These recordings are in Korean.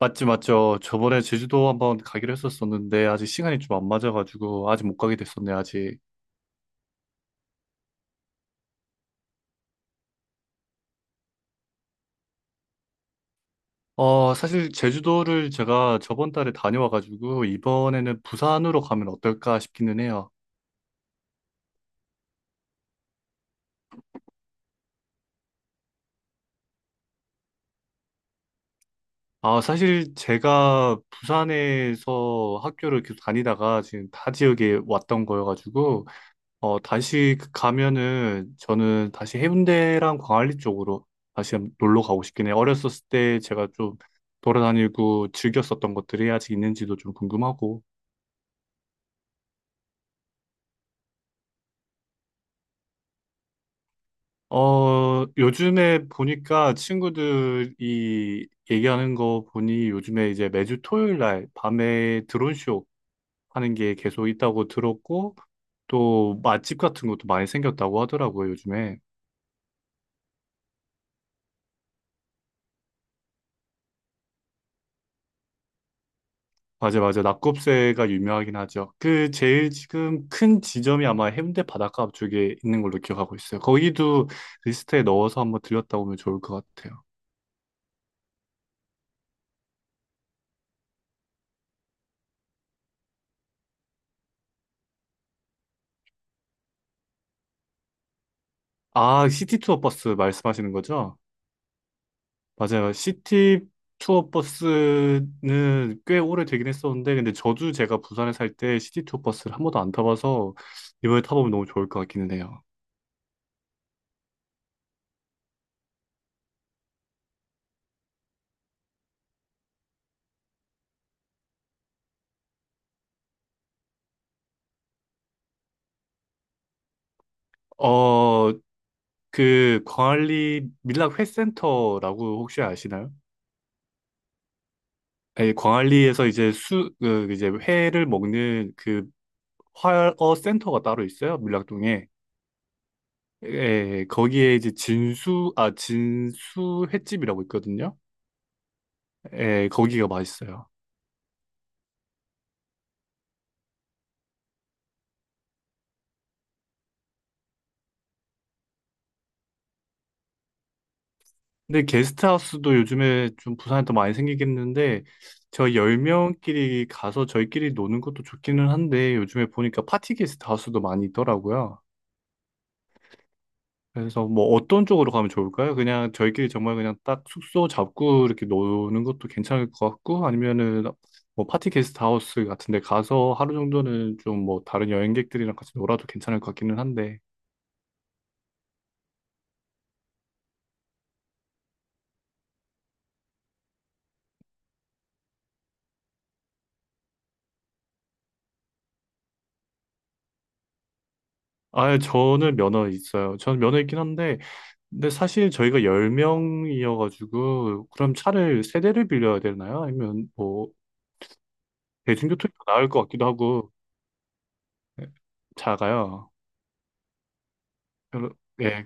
맞지, 맞죠. 저번에 제주도 한번 가기로 했었었는데, 아직 시간이 좀 안 맞아가지고, 아직 못 가게 됐었네, 아직. 사실 제주도를 제가 저번 달에 다녀와가지고, 이번에는 부산으로 가면 어떨까 싶기는 해요. 아, 사실 제가 부산에서 학교를 계속 다니다가 지금 타 지역에 왔던 거여가지고, 다시 가면은 저는 다시 해운대랑 광안리 쪽으로 다시 한번 놀러 가고 싶긴 해요. 어렸었을 때 제가 좀 돌아다니고 즐겼었던 것들이 아직 있는지도 좀 궁금하고. 요즘에 보니까 친구들이 얘기하는 거 보니 요즘에 이제 매주 토요일 날 밤에 드론쇼 하는 게 계속 있다고 들었고, 또 맛집 같은 것도 많이 생겼다고 하더라고요, 요즘에. 맞아, 맞아. 낙곱새가 유명하긴 하죠. 그 제일 지금 큰 지점이 아마 해운대 바닷가 앞쪽에 있는 걸로 기억하고 있어요. 거기도 리스트에 넣어서 한번 들렸다 오면 좋을 것 같아요. 아, 시티 투어 버스 말씀하시는 거죠? 맞아요. 시티 투어 버스는 꽤 오래 되긴 했었는데, 근데 저도 제가 부산에 살 때 시티 투어 버스를 한 번도 안 타봐서 이번에 타보면 너무 좋을 것 같기는 해요. 어, 그 광안리 밀락 회센터라고 혹시 아시나요? 아니, 광안리에서 이제 회를 먹는 그 활어 센터가 따로 있어요, 밀락동에. 예, 거기에 이제 진수 횟집이라고 있거든요. 예, 거기가 맛있어요. 근데 게스트하우스도 요즘에 좀 부산에 더 많이 생기긴 했는데, 저희 10명끼리 가서 저희끼리 노는 것도 좋기는 한데, 요즘에 보니까 파티 게스트하우스도 많이 있더라고요. 그래서 뭐 어떤 쪽으로 가면 좋을까요? 그냥 저희끼리 정말 그냥 딱 숙소 잡고 이렇게 노는 것도 괜찮을 것 같고, 아니면은 뭐 파티 게스트 하우스 같은 데 가서 하루 정도는 좀 뭐 다른 여행객들이랑 같이 놀아도 괜찮을 것 같기는 한데. 아, 저는 면허 있어요. 저는 면허 있긴 한데, 근데 사실 저희가 10명이어가지고 그럼 차를 세 대를 빌려야 되나요? 아니면 뭐 대중교통이 더 나을 것 같기도 하고. 네, 작아요. 별로- 예,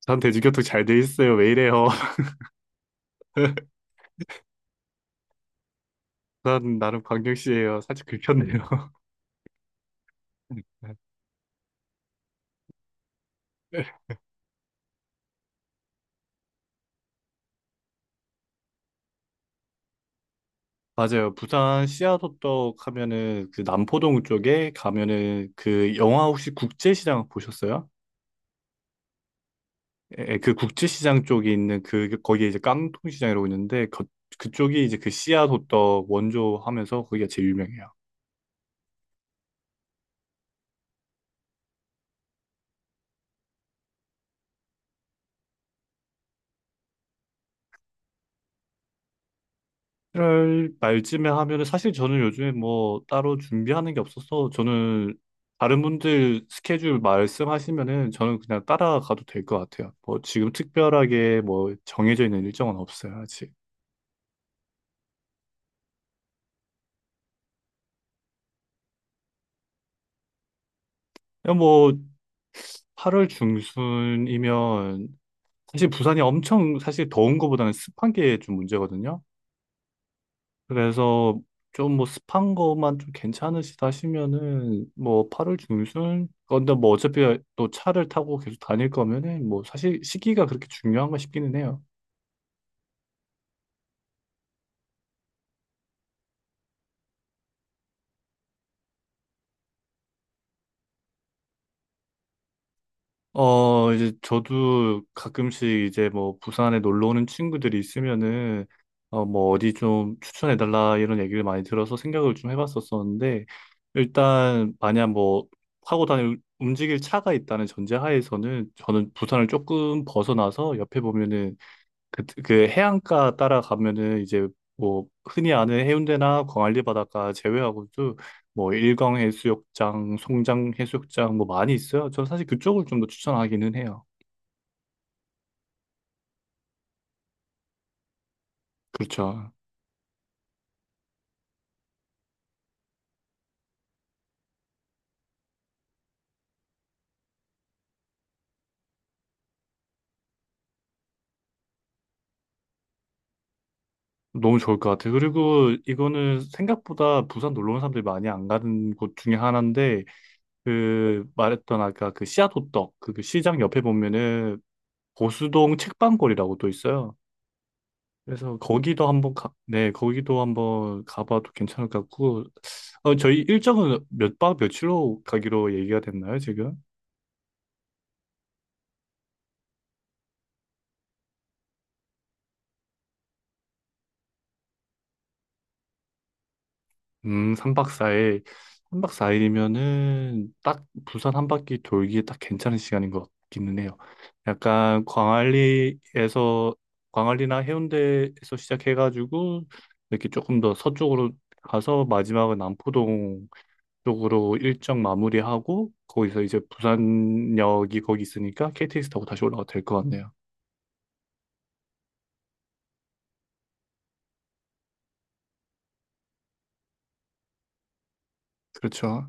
전 대중교통 잘 돼 있어요. 왜 이래요? 부산 나름 광역시예요. 살짝 긁혔네요. 맞아요. 부산 씨앗호떡 하면은 그 남포동 쪽에 가면은, 그 영화 혹시 국제시장 보셨어요? 예, 그 국제시장 쪽에 있는 그 거기에 이제 깡통시장이라고 있는데, 그쪽이 이제 그 씨앗호떡 원조 하면서 거기가 제일 유명해요. 7월 말쯤에 하면은 사실 저는 요즘에 뭐 따로 준비하는 게 없어서, 저는 다른 분들 스케줄 말씀하시면은 저는 그냥 따라가도 될 것 같아요. 뭐 지금 특별하게 뭐 정해져 있는 일정은 없어요, 아직. 그냥 뭐 8월 중순이면 사실 부산이 엄청 사실 더운 것보다는 습한 게 좀 문제거든요. 그래서 좀 뭐 습한 것만 좀 괜찮으시다 하시면은 뭐 8월 중순 건데, 뭐 어차피 또 차를 타고 계속 다닐 거면은 뭐 사실 시기가 그렇게 중요한가 싶기는 해요. 이제 저도 가끔씩 이제 뭐 부산에 놀러 오는 친구들이 있으면은 뭐 어디 좀 추천해 달라 이런 얘기를 많이 들어서 생각을 좀 해봤었었는데, 일단 만약 뭐 타고 다닐 움직일 차가 있다는 전제하에서는 저는 부산을 조금 벗어나서 옆에 보면은 그 해안가 따라가면은, 이제 뭐 흔히 아는 해운대나 광안리 바닷가 제외하고도 뭐 일광 해수욕장, 송장 해수욕장 뭐 많이 있어요. 저 사실 그쪽을 좀 더 추천하기는 해요. 그렇죠. 너무 좋을 것 같아요. 그리고 이거는 생각보다 부산 놀러 온 사람들이 많이 안 가는 곳 중에 하나인데, 그 말했던 아까 그 씨앗호떡 그 시장 옆에 보면은 보수동 책방골이라고 또 있어요. 그래서 네, 거기도 한번 가봐도 괜찮을 것 같고, 저희 일정은 몇 박 며칠로 가기로 얘기가 됐나요, 지금? 3박 4일. 3박 4일이면은 딱 부산 한 바퀴 돌기에 딱 괜찮은 시간인 것 같기는 해요. 약간 광안리나 해운대에서 시작해가지고, 이렇게 조금 더 서쪽으로 가서 마지막은 남포동 쪽으로 일정 마무리하고, 거기서 이제 부산역이 거기 있으니까 KTX 타고 다시 올라가도 될 것 같네요. 그렇죠.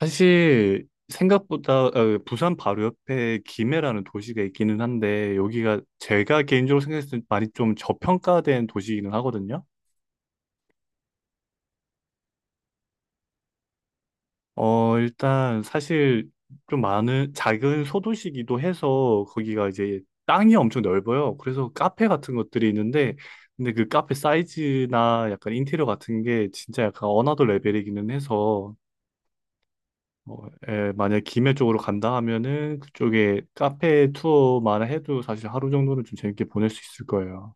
사실 생각보다 부산 바로 옆에 김해라는 도시가 있기는 한데, 여기가 제가 개인적으로 생각했을 때 많이 좀 저평가된 도시이기는 하거든요. 일단 사실 좀 많은 작은 소도시기도 해서, 거기가 이제 땅이 엄청 넓어요. 그래서 카페 같은 것들이 있는데, 근데 그 카페 사이즈나 약간 인테리어 같은 게 진짜 약간 어나더 레벨이기는 해서, 만약 김해 쪽으로 간다 하면은 그쪽에 카페 투어만 해도 사실 하루 정도는 좀 재밌게 보낼 수 있을 거예요.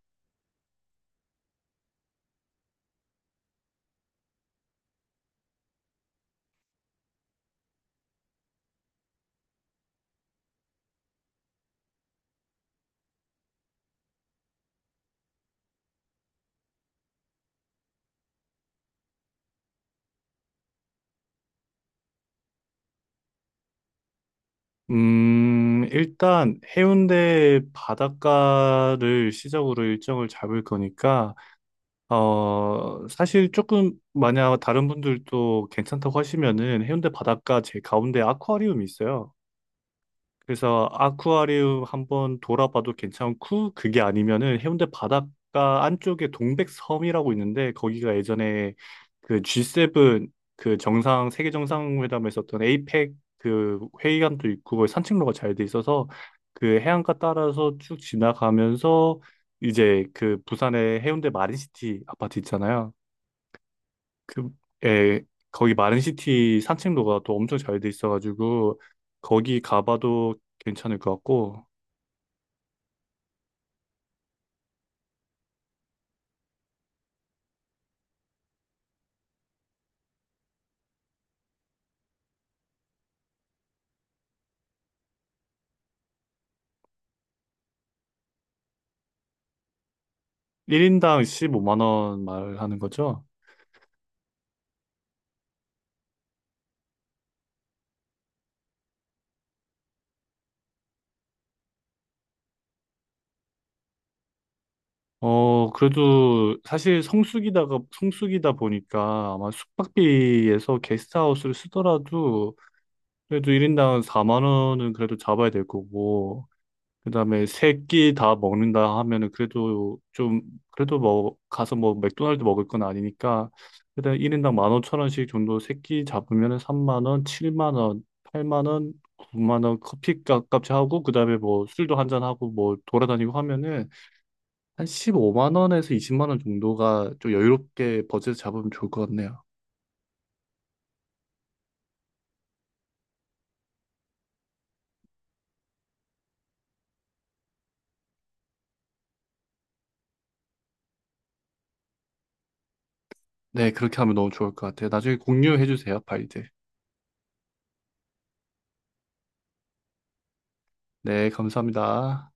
일단 해운대 바닷가를 시작으로 일정을 잡을 거니까, 사실 조금 만약 다른 분들도 괜찮다고 하시면은 해운대 바닷가 제 가운데 아쿠아리움이 있어요. 그래서 아쿠아리움 한번 돌아봐도 괜찮고, 그게 아니면은 해운대 바닷가 안쪽에 동백섬이라고 있는데 거기가 예전에 그 G7 그 정상 세계 정상회담에 있었던 에이펙 그 회의관도 있고, 거기 산책로가 잘 돼 있어서 그 해안가 따라서 쭉 지나가면서 이제 그 부산의 해운대 마린시티 아파트 있잖아요. 그, 에, 거기 마린시티 산책로가 또 엄청 잘 돼 있어가지고, 거기 가봐도 괜찮을 것 같고, 1인당 15만 원 말하는 거죠? 그래도 사실 성수기다 보니까 아마 숙박비에서 게스트하우스를 쓰더라도, 그래도 1인당 4만 원은 그래도 잡아야 될 거고, 그다음에 세 끼 다 먹는다 하면은 그래도 좀, 그래도 뭐 가서 뭐 맥도날드 먹을 건 아니니까 일단 1인당 15,000원씩 정도 세 끼 잡으면은 3만 원, 7만 원, 8만 원, 9만 원 커피값까지 하고, 그다음에 뭐 술도 한잔 하고 뭐 돌아다니고 하면은 한 15만 원에서 20만 원 정도가 좀 여유롭게 버젯 잡으면 좋을 것 같네요. 네, 그렇게 하면 너무 좋을 것 같아요. 나중에 공유해 주세요, 파일들. 네, 감사합니다.